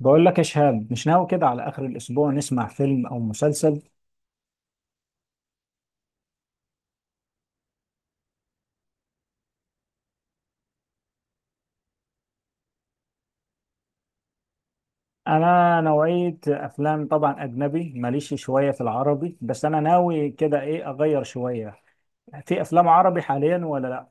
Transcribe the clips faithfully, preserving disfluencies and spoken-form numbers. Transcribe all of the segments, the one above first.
بقول لك يا شهاب، مش ناوي كده على آخر الأسبوع نسمع فيلم أو مسلسل. أنا نوعية أفلام طبعا أجنبي، ماليش شوية في العربي، بس أنا ناوي كده إيه أغير شوية. في أفلام عربي حاليا ولا لأ؟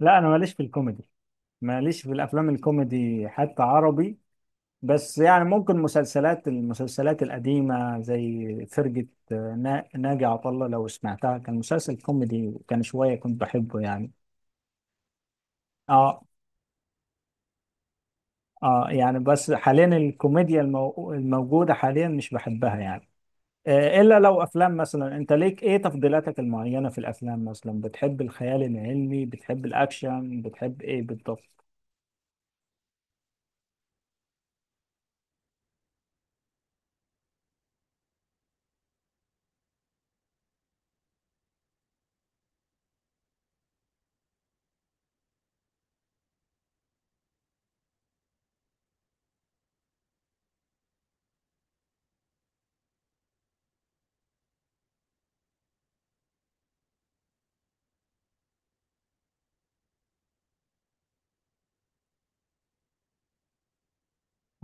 لا، أنا ماليش في الكوميدي. ماليش في الأفلام الكوميدي حتى عربي. بس يعني ممكن مسلسلات المسلسلات القديمة زي فرقة نا- ناجي عطا الله، لو سمعتها، كان مسلسل كوميدي وكان شوية كنت بحبه يعني. اه، اه، يعني بس حاليا الكوميديا المو... الموجودة حاليا مش بحبها يعني. آه، إلا لو أفلام، مثلا أنت ليك إيه تفضيلاتك المعينة في الأفلام؟ مثلا بتحب الخيال العلمي، بتحب الأكشن، بتحب إيه بالضبط؟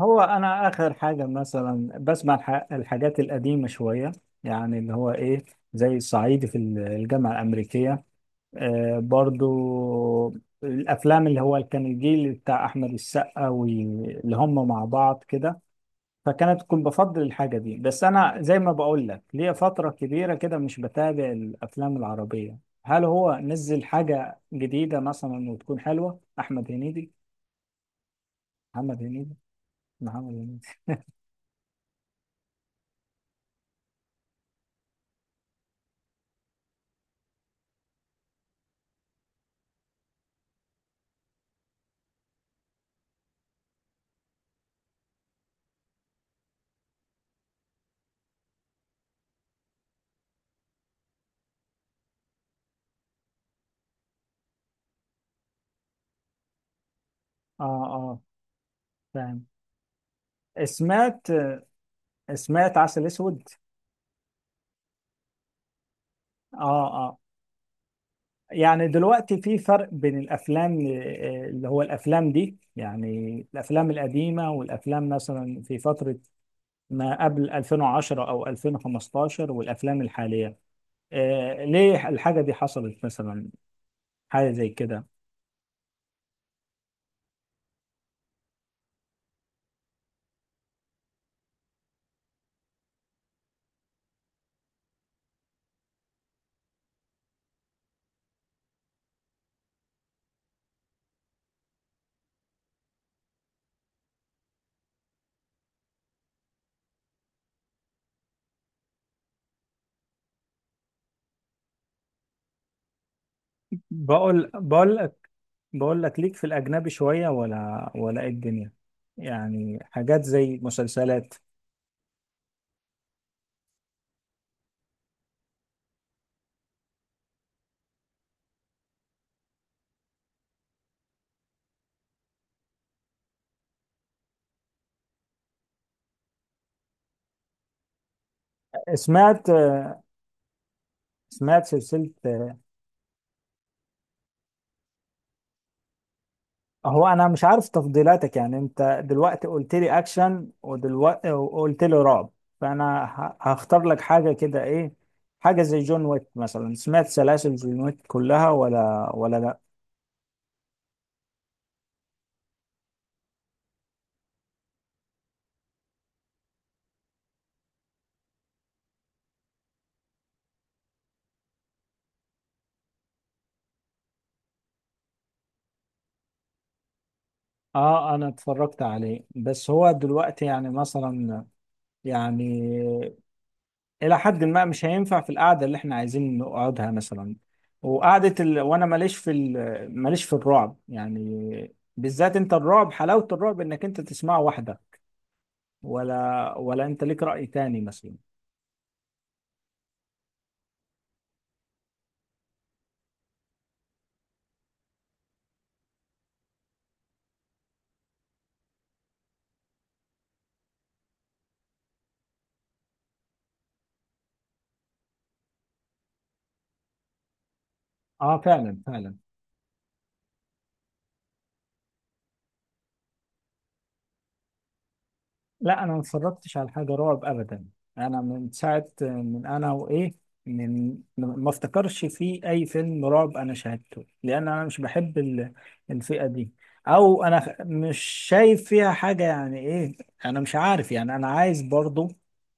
هو أنا آخر حاجة مثلا بسمع الح... الحاجات القديمة شوية، يعني اللي هو إيه، زي الصعيدي في الجامعة الأمريكية. آه، برضو الأفلام اللي هو كان الجيل بتاع أحمد السقا واللي هم مع بعض كده. فكانت كنت بفضل الحاجة دي، بس أنا زي ما بقول لك ليا فترة كبيرة كده مش بتابع الأفلام العربية. هل هو نزل حاجة جديدة مثلا وتكون حلوة أحمد هنيدي؟ محمد هنيدي محمد هنيدي. آه. آه. فاهم. سمعت سمعت عسل أسود. آه. آه. يعني دلوقتي في فرق بين الأفلام، آه، اللي هو الأفلام دي، يعني الأفلام القديمة والأفلام مثلا في فترة ما قبل ألفين وعشرة او ألفين وخمستاشر، والافلام الحاليه. آه، ليه الحاجه دي حصلت مثلا؟ حاجه زي كده. بقول بقول لك بقول لك ليك في الاجنبي شويه ولا ولا إيه الدنيا؟ يعني حاجات زي مسلسلات. سمعت سمعت سلسله. هو انا مش عارف تفضيلاتك، يعني انت دلوقتي قلت لي اكشن، ودلوقتي وقلت لي رعب، فانا ه- هختار لك حاجه كده. ايه، حاجه زي جون ويك مثلا؟ سمعت سلاسل جون ويك كلها ولا ولا لا؟ اه، انا اتفرجت عليه، بس هو دلوقتي يعني مثلا، يعني الى حد ما مش هينفع في القعده اللي احنا عايزين نقعدها مثلا. وقعده ال... وانا ماليش في ال... ماليش في الرعب يعني، بالذات انت الرعب، حلاوه الرعب انك انت تسمعه واحده. ولا ولا انت ليك رأي تاني مثلا؟ اه، فعلا، فعلا. لا، انا ما اتفرجتش على حاجة رعب ابدا. انا من ساعة، من انا وايه، من ما افتكرش في اي فيلم رعب انا شاهدته، لان انا مش بحب ال- الفئة دي، او انا خ- مش شايف فيها حاجة يعني، ايه؟ انا مش عارف. يعني انا عايز برضو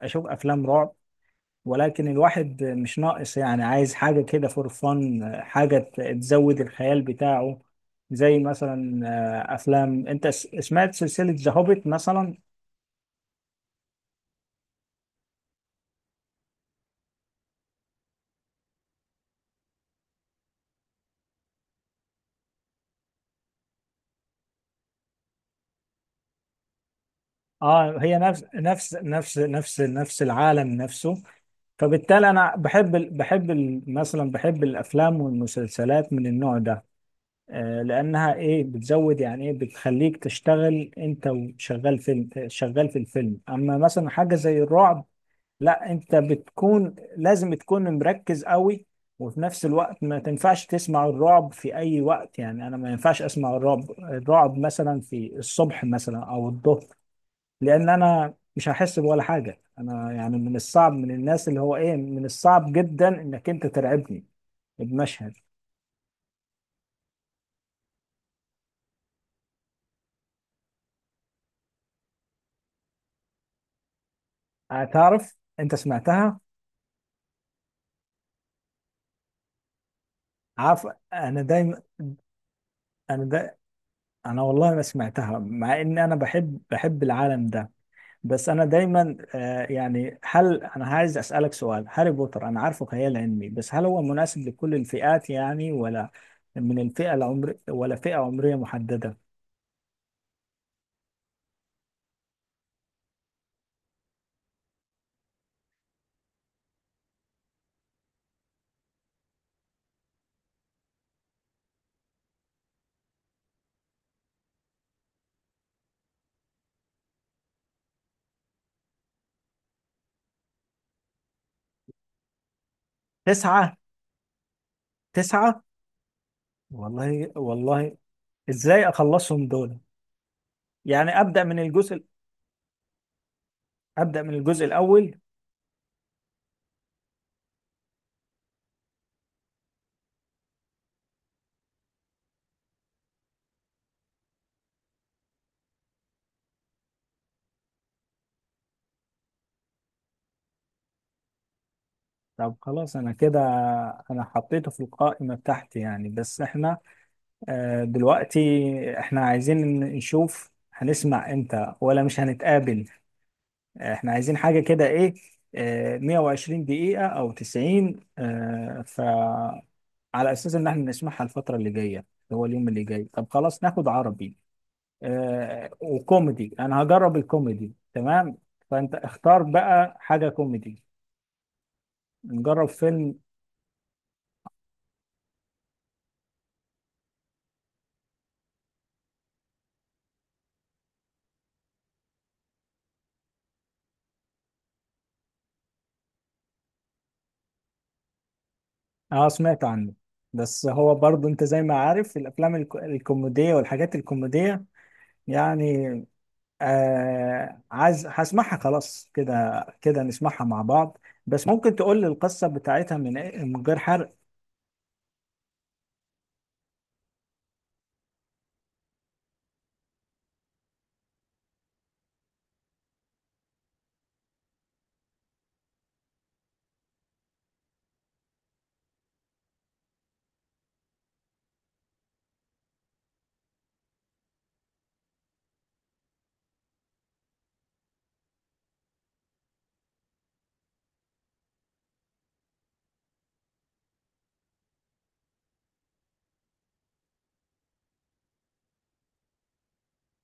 اشوف افلام رعب، ولكن الواحد مش ناقص، يعني عايز حاجة كده فور فن، حاجة ت- تزود الخيال بتاعه، زي مثلا آه، أفلام. أنت س- سمعت سلسلة ذا هوبيت مثلا؟ اه، هي نفس نفس نفس نفس نفس العالم نفسه. فبالتالي أنا بحب ال- بحب ال- مثلا بحب الأفلام والمسلسلات من النوع ده. آه، لأنها إيه بتزود، يعني إيه بتخليك تشتغل أنت، وشغال في ال- شغال في الفيلم. أما مثلا حاجة زي الرعب، لا، انت بتكون لازم تكون مركز قوي، وفي نفس الوقت ما تنفعش تسمع الرعب في اي وقت يعني. انا ما ينفعش اسمع الرعب الرعب مثلا في الصبح مثلا او الظهر، لان انا مش هحس بولا حاجة. انا يعني من الصعب، من الناس اللي هو ايه، من الصعب جدا انك انت ترعبني بمشهد. هتعرف، انت سمعتها؟ عارف، انا دايما انا دا انا والله ما سمعتها، مع ان انا بحب بحب العالم ده. بس انا دايما آه، يعني، هل انا عايز اسالك سؤال. هاري بوتر انا عارفه خيال علمي، بس هل هو مناسب لكل الفئات يعني، ولا من الفئه العمر، ولا فئه عمريه محدده؟ تسعه، تسعه. والله، والله، ازاي اخلصهم دول؟ يعني، ابدا من الجزء ابدا من الجزء الاول. طب خلاص، انا كده انا حطيته في القائمه بتاعتي يعني. بس احنا آه، دلوقتي، احنا عايزين نشوف هنسمع امتى ولا مش هنتقابل. احنا عايزين حاجة كده، ايه، آه، مية وعشرين دقيقة او تسعين، آه، فعلى اساس ان احنا نسمعها الفترة اللي جاية، اللي هو اليوم اللي جاي. طب خلاص، ناخد عربي آه، وكوميدي. انا هجرب الكوميدي، تمام. فانت اختار بقى حاجة كوميدي، نجرب فيلم. اه، سمعت عنه، بس هو برضه انت زي ما عارف الافلام الك- الكوميدية والحاجات الكوميدية يعني. آه عايز هسمعها. خلاص، كده كده نسمعها مع بعض. بس ممكن تقول لي القصة بتاعتها من إيه- من غير حرق؟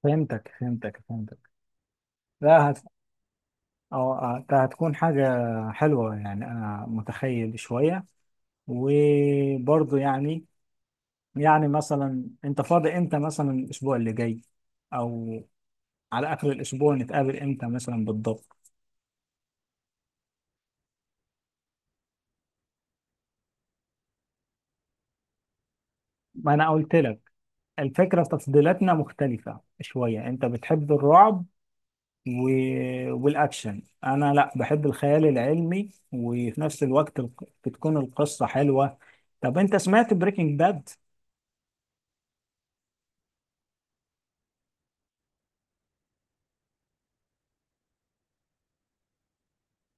فهمتك، فهمتك، فهمتك. لا، هت... أو آه، ده هتكون حاجة حلوة يعني. أنا متخيل شوية. وبرضه يعني يعني مثلا أنت فاضي إمتى مثلا الأسبوع اللي جاي؟ أو على آخر الأسبوع نتقابل إمتى مثلا بالضبط؟ ما أنا قلت لك، الفكرة تفضيلاتنا مختلفة شوية، أنت بتحب الرعب و... والاكشن، انا لا، بحب الخيال العلمي، وفي نفس الوقت الق- بتكون القصه حلوه. طب انت سمعت بريكنج باد؟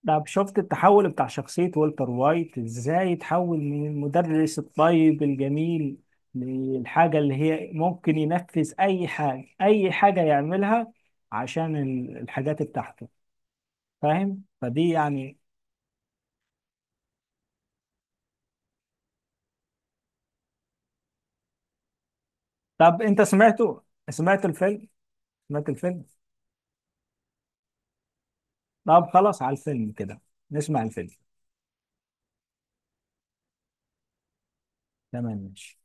طب شفت التحول بتاع شخصيه والتر وايت ازاي يتحول من المدرس الطيب الجميل للحاجه اللي هي ممكن ينفذ اي حاجه، اي حاجه يعملها، عشان ال- الحاجات بتاعته؟ فاهم، فدي يعني. طب انت سمعته؟ سمعت الفيلم سمعت الفيلم طب خلاص على الفيلم كده، نسمع الفيلم. تمام، ماشي.